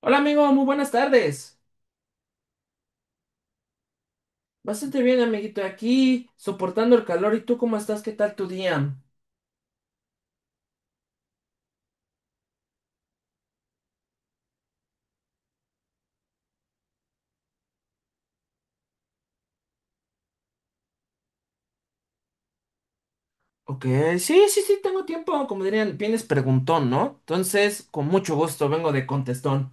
Hola amigo, muy buenas tardes. Bastante bien, amiguito, aquí soportando el calor. ¿Y tú cómo estás? ¿Qué tal tu día? Ok, sí, tengo tiempo. Como dirían, vienes preguntón, ¿no? Entonces, con mucho gusto, vengo de contestón.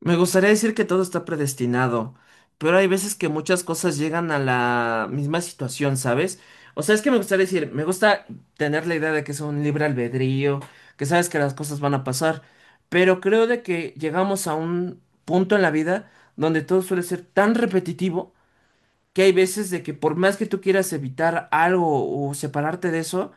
Me gustaría decir que todo está predestinado, pero hay veces que muchas cosas llegan a la misma situación, ¿sabes? O sea, es que me gustaría decir, me gusta tener la idea de que es un libre albedrío, que sabes que las cosas van a pasar, pero creo de que llegamos a un punto en la vida donde todo suele ser tan repetitivo que hay veces de que por más que tú quieras evitar algo o separarte de eso,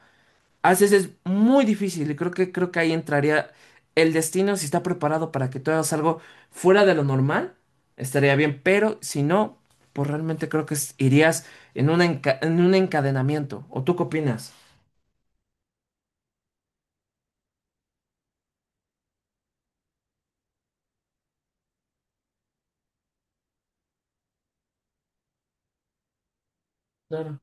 a veces es muy difícil y creo que ahí entraría el destino. Si está preparado para que tú hagas algo fuera de lo normal, estaría bien, pero si no, pues realmente creo que es- irías en una enca- en un encadenamiento. ¿O tú qué opinas? Claro.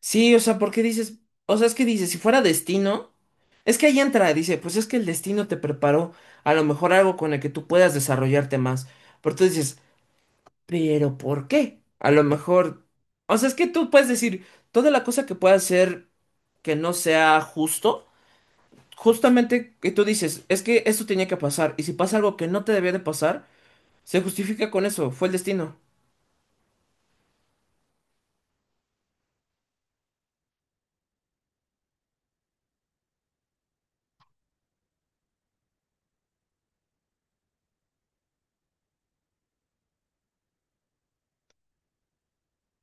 Sí, o sea, porque dices, o sea, es que dices, si fuera destino, es que ahí entra, dice, pues es que el destino te preparó a lo mejor algo con el que tú puedas desarrollarte más. Pero tú dices, pero ¿por qué? A lo mejor, o sea, es que tú puedes decir toda la cosa que pueda ser que no sea justo, justamente que tú dices, es que esto tenía que pasar, y si pasa algo que no te debía de pasar, se justifica con eso, fue el destino.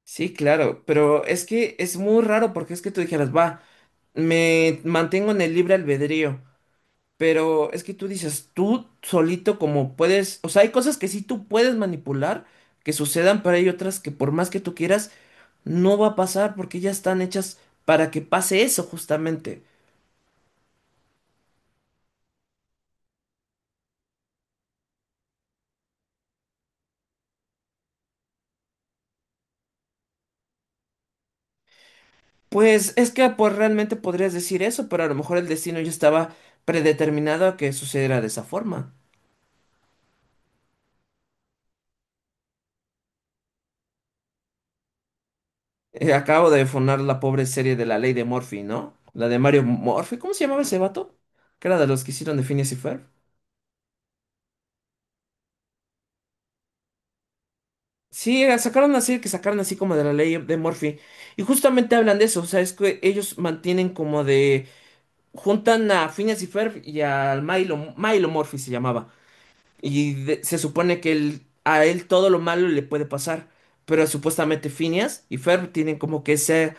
Sí, claro, pero es que es muy raro porque es que tú dijeras, va, me mantengo en el libre albedrío. Pero es que tú dices, tú solito como puedes, o sea, hay cosas que sí tú puedes manipular, que sucedan, pero hay otras que por más que tú quieras, no va a pasar porque ya están hechas para que pase eso justamente. Pues es que pues realmente podrías decir eso, pero a lo mejor el destino ya estaba predeterminado a que sucediera de esa forma. Acabo de funar la pobre serie de La Ley de Murphy, ¿no? La de Mario Murphy, ¿cómo se llamaba ese vato? Que era de los que hicieron de Phineas y Ferb. Sí, era- sacaron una serie que sacaron así como de la ley de Murphy. Y justamente hablan de eso. O sea, es que ellos mantienen como de. Juntan a Phineas y Ferb y al Milo. Milo Murphy se llamaba. Y de- se supone que él- a él todo lo malo le puede pasar. Pero supuestamente Phineas y Ferb tienen como que ese.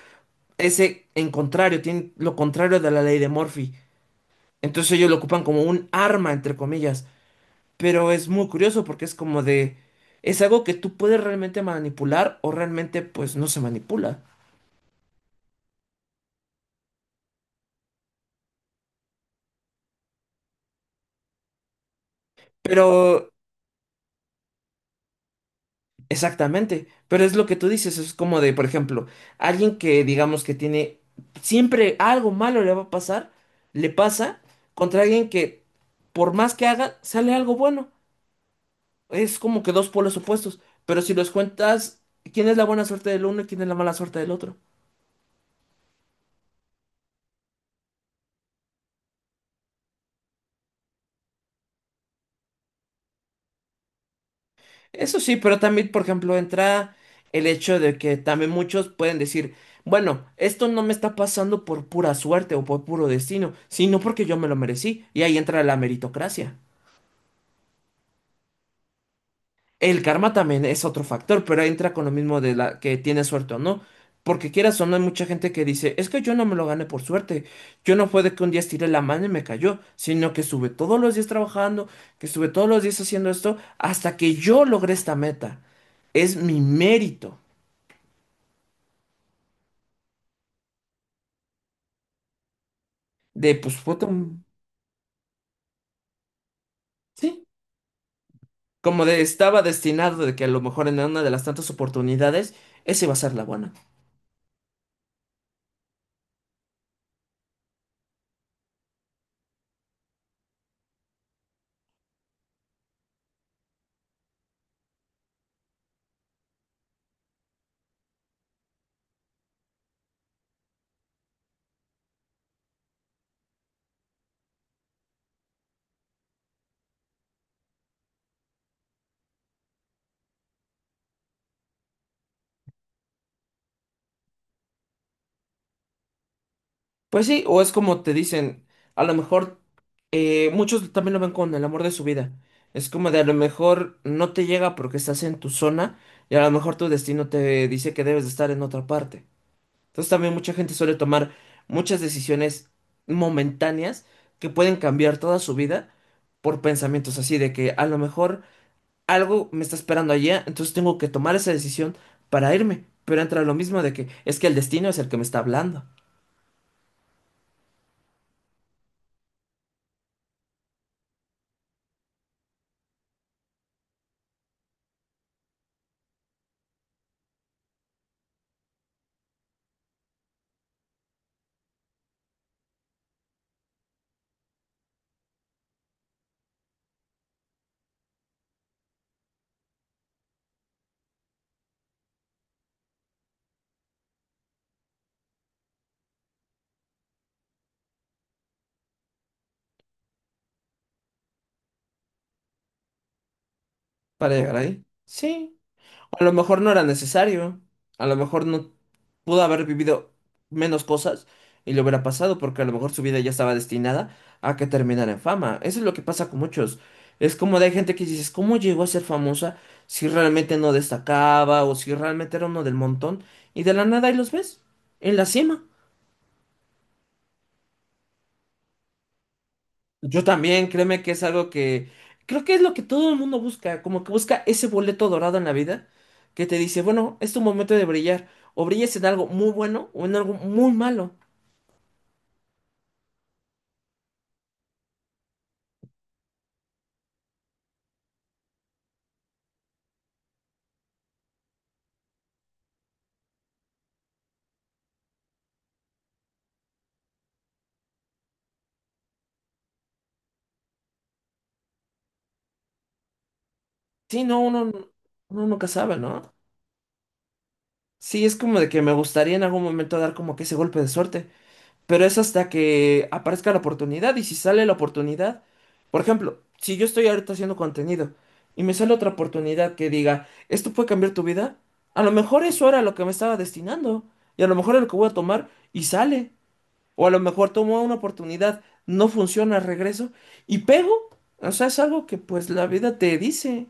Ese en contrario. Tienen lo contrario de la ley de Murphy. Entonces ellos lo ocupan como un arma, entre comillas. Pero es muy curioso porque es como de, es algo que tú puedes realmente manipular o realmente pues no se manipula. Pero, exactamente, pero es lo que tú dices, es como de, por ejemplo, alguien que digamos que tiene, siempre algo malo le va a pasar, le pasa contra alguien que por más que haga, sale algo bueno. Es como que dos polos opuestos, pero si los cuentas, ¿quién es la buena suerte del uno y quién es la mala suerte del otro? Eso sí, pero también, por ejemplo, entra el hecho de que también muchos pueden decir, bueno, esto no me está pasando por pura suerte o por puro destino, sino porque yo me lo merecí. Y ahí entra la meritocracia. El karma también es otro factor, pero ahí entra con lo mismo de la que tiene suerte o no. Porque quieras o no, hay mucha gente que dice, es que yo no me lo gané por suerte. Yo no fue de que un día estiré la mano y me cayó, sino que estuve todos los días trabajando, que estuve todos los días haciendo esto, hasta que yo logré esta meta. Es mi mérito. De, pues, puta, sí. Como de estaba destinado de que a lo mejor en una de las tantas oportunidades, esa iba a ser la buena. Pues sí, o es como te dicen, a lo mejor muchos también lo ven con el amor de su vida. Es como de a lo mejor no te llega porque estás en tu zona y a lo mejor tu destino te dice que debes de estar en otra parte. Entonces también mucha gente suele tomar muchas decisiones momentáneas que pueden cambiar toda su vida por pensamientos así de que a lo mejor algo me está esperando allá, entonces tengo que tomar esa decisión para irme. Pero entra lo mismo de que es que el destino es el que me está hablando para llegar ahí. Sí. A lo mejor no era necesario. A lo mejor no pudo haber vivido menos cosas y le hubiera pasado porque a lo mejor su vida ya estaba destinada a que terminara en fama. Eso es lo que pasa con muchos. Es como de hay gente que dices, ¿cómo llegó a ser famosa si realmente no destacaba o si realmente era uno del montón? Y de la nada ahí los ves en la cima. Yo también, créeme que es algo que creo que es lo que todo el mundo busca, como que busca ese boleto dorado en la vida que te dice, bueno, es tu momento de brillar, o brillas en algo muy bueno o en algo muy malo. Sí, no, uno nunca sabe, ¿no? Sí, es como de que me gustaría en algún momento dar como que ese golpe de suerte. Pero es hasta que aparezca la oportunidad. Y si sale la oportunidad, por ejemplo, si yo estoy ahorita haciendo contenido y me sale otra oportunidad que diga, esto puede cambiar tu vida, a lo mejor eso era lo que me estaba destinando. Y a lo mejor es lo que voy a tomar y sale. O a lo mejor tomo una oportunidad, no funciona, regreso y pego. O sea, es algo que pues la vida te dice.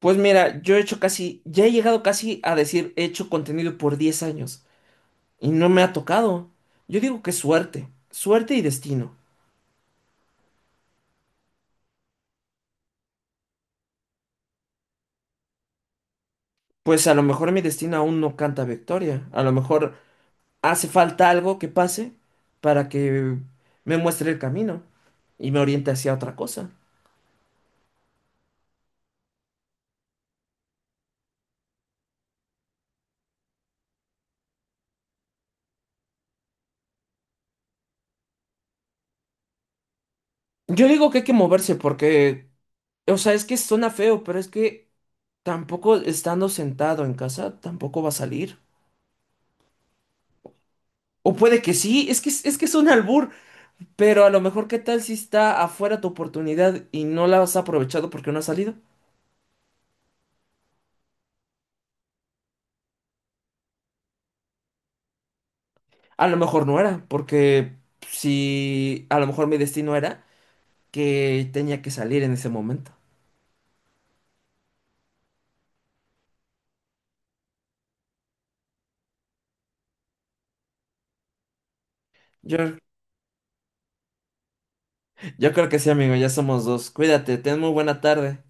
Pues mira, yo he hecho casi, ya he llegado casi a decir, he hecho contenido por 10 años. Y no me ha tocado. Yo digo que suerte, suerte y destino. Pues a lo mejor mi destino aún no canta victoria. A lo mejor hace falta algo que pase para que me muestre el camino y me oriente hacia otra cosa. Yo digo que hay que moverse porque, o sea, es que suena feo, pero es que tampoco estando sentado en casa, tampoco va a salir. O puede que sí, es que es un albur, pero a lo mejor qué tal si está afuera tu oportunidad y no la has aprovechado porque no has salido. A lo mejor no era, porque si a lo mejor mi destino era que tenía que salir en ese momento. Yo, yo creo que sí, amigo, ya somos dos. Cuídate, ten muy buena tarde.